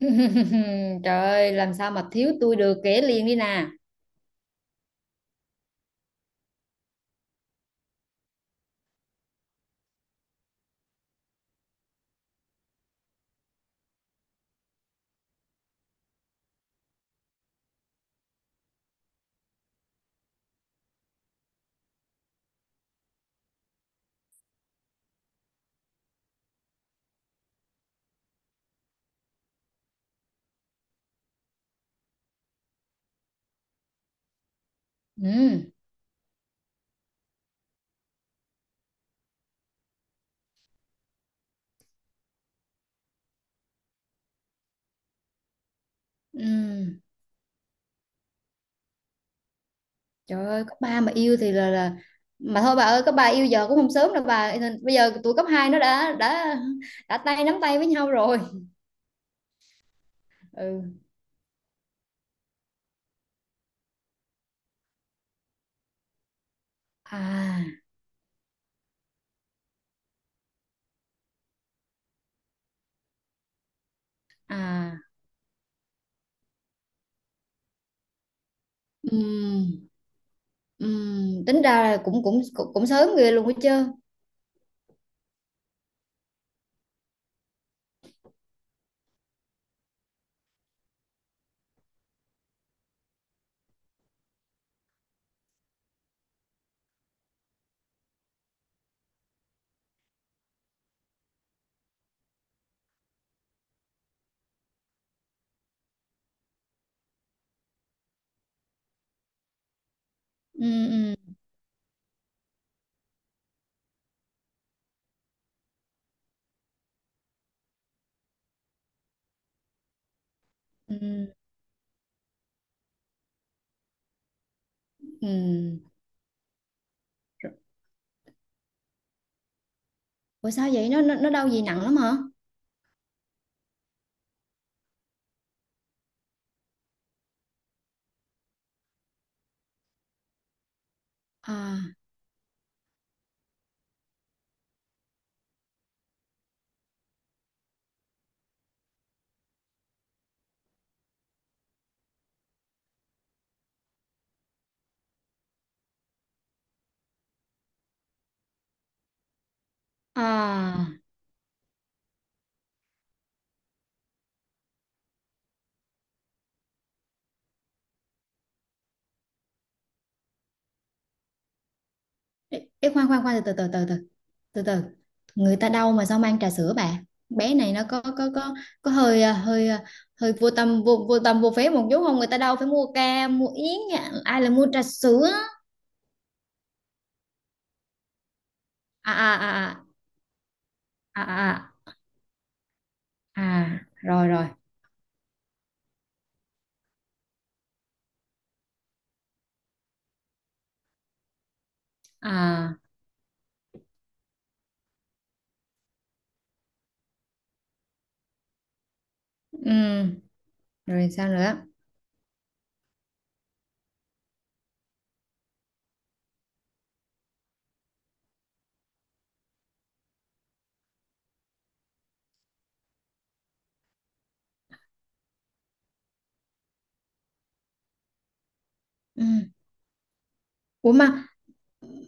Trời ơi, làm sao mà thiếu tôi được kể liền đi nè. Ừ, ừ. Trời ơi, cấp 3 mà yêu thì là mà thôi bà ơi, cấp 3 yêu giờ cũng không sớm đâu bà. Bây giờ tụi cấp 2 nó đã tay nắm tay với nhau rồi. Ừ. À à. Ừ. Ừ. Tính ra là cũng sớm ghê luôn á chứ. Ừ ừ ừ. Ừ. Ủa sao vậy? Nó đau gì nặng lắm hả? À à. Ê, khoan khoan khoan từ từ người ta đau mà sao mang trà sữa bà, bé này nó có hơi hơi hơi vô tâm vô phế một chút không, người ta đâu phải mua ca mua yến nha, ai là mua trà sữa. à à à à à à à, Rồi rồi à. ừm, Rồi sao nữa? Ừm. ủa mà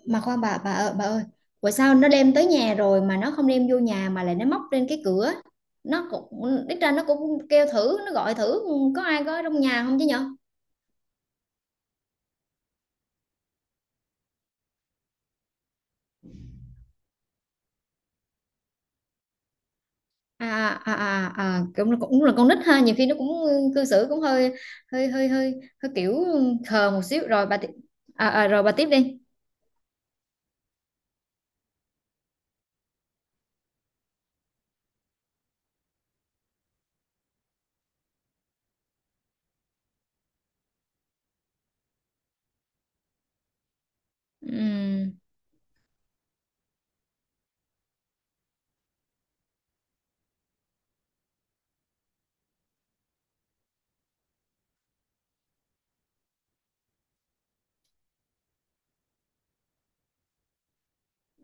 mà khoan bà ơi bà ơi, bữa sao nó đem tới nhà rồi mà nó không đem vô nhà mà lại nó móc lên cái cửa, nó cũng ít ra nó cũng kêu thử nó gọi thử có ai có trong nhà không chứ nhở. Cũng cũng là con nít ha, nhiều khi nó cũng cư xử cũng hơi hơi hơi hơi hơi kiểu khờ một xíu rồi bà à, à, rồi bà tiếp đi. Ừm,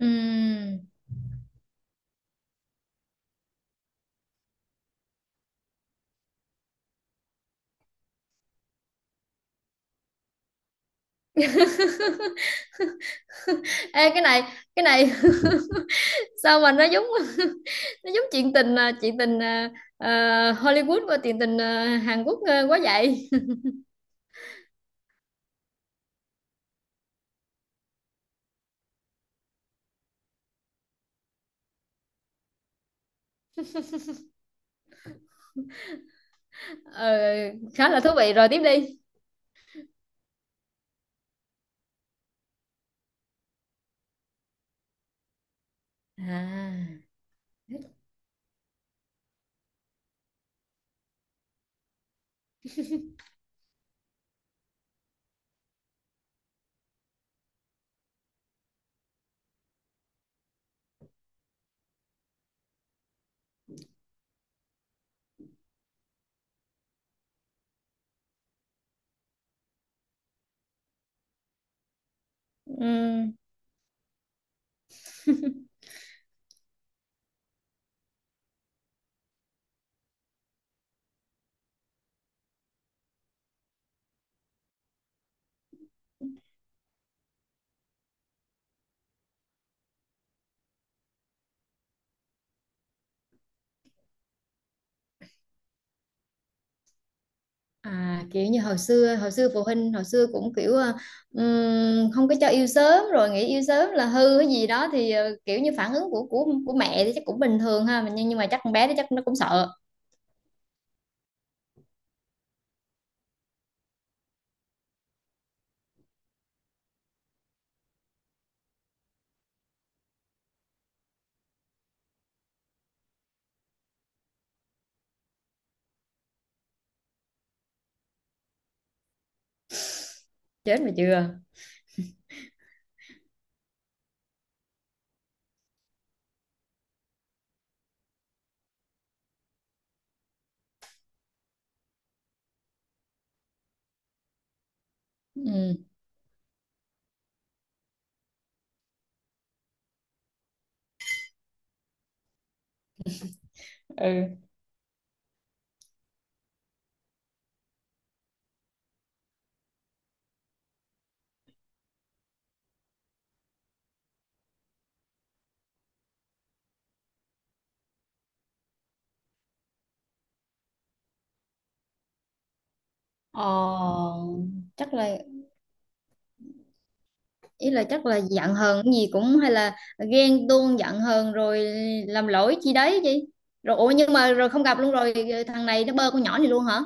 ừm. Ê, cái này sao mà nó giống nó giống chuyện tình chuyện tình à, Hollywood và chuyện tình Hàn Quốc quá vậy. Ờ, khá là thú vị rồi, tiếp đi. À. Ừm. À, kiểu như hồi xưa phụ huynh hồi xưa cũng kiểu không có cho yêu sớm rồi nghĩ yêu sớm là hư cái gì đó, thì kiểu như phản ứng của mẹ thì chắc cũng bình thường ha, nhưng mà chắc con bé đó chắc nó cũng sợ chết mà chưa. Ừ ừ ờ, Chắc là, ý là chắc là giận hờn cái gì, cũng hay là ghen tuông giận hờn rồi làm lỗi chi đấy chị. Rồi ủa nhưng mà rồi không gặp luôn rồi, thằng này nó bơ con nhỏ này luôn hả?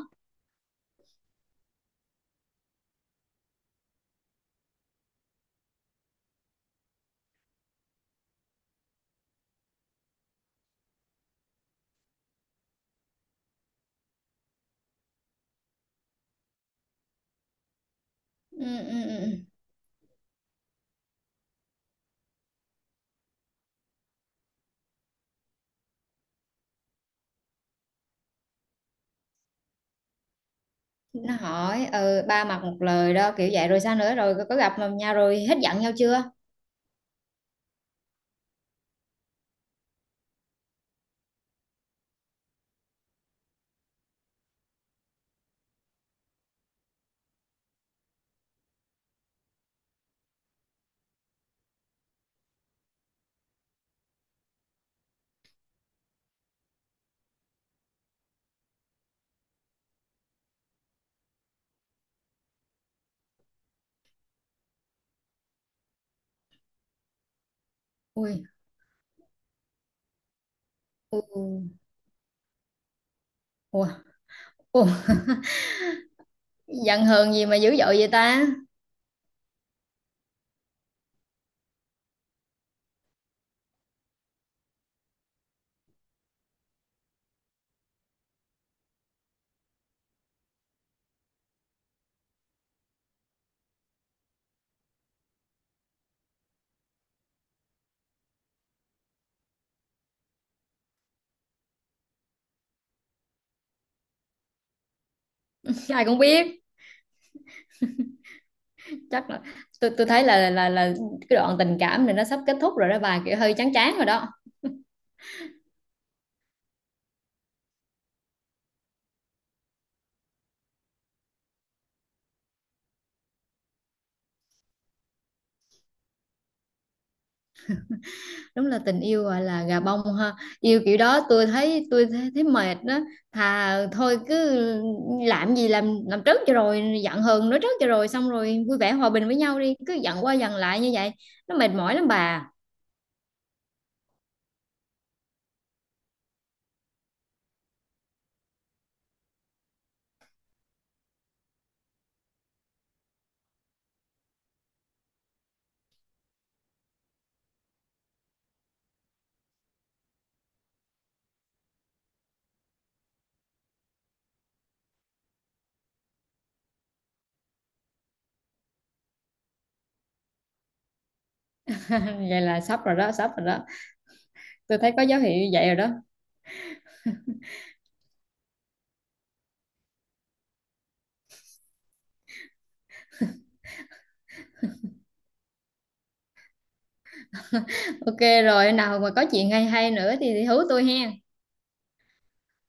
Ừ, ừ, ừ. Nó hỏi ba mặt một lời đó kiểu vậy, rồi sao nữa, rồi có gặp mà nhau rồi hết giận nhau chưa? Ui. Ui. Ui. Ui, giận hờn gì mà dữ dội vậy ta. Ai cũng biết. Chắc là, tôi thấy là cái đoạn tình cảm này nó sắp kết thúc rồi đó bà, kiểu hơi chán chán rồi đó. Đúng là tình yêu gọi là gà bông ha, yêu kiểu đó tôi thấy, thấy mệt đó. Thà thôi cứ làm gì làm trước cho rồi, giận hờn nói trước cho rồi, xong rồi vui vẻ hòa bình với nhau đi, cứ giận qua giận lại như vậy nó mệt mỏi lắm bà. Vậy là sắp rồi đó, sắp rồi đó, tôi thấy có dấu hiệu như vậy rồi đó. OK rồi, nào mà có chuyện hay hay nữa thì hú tôi hen.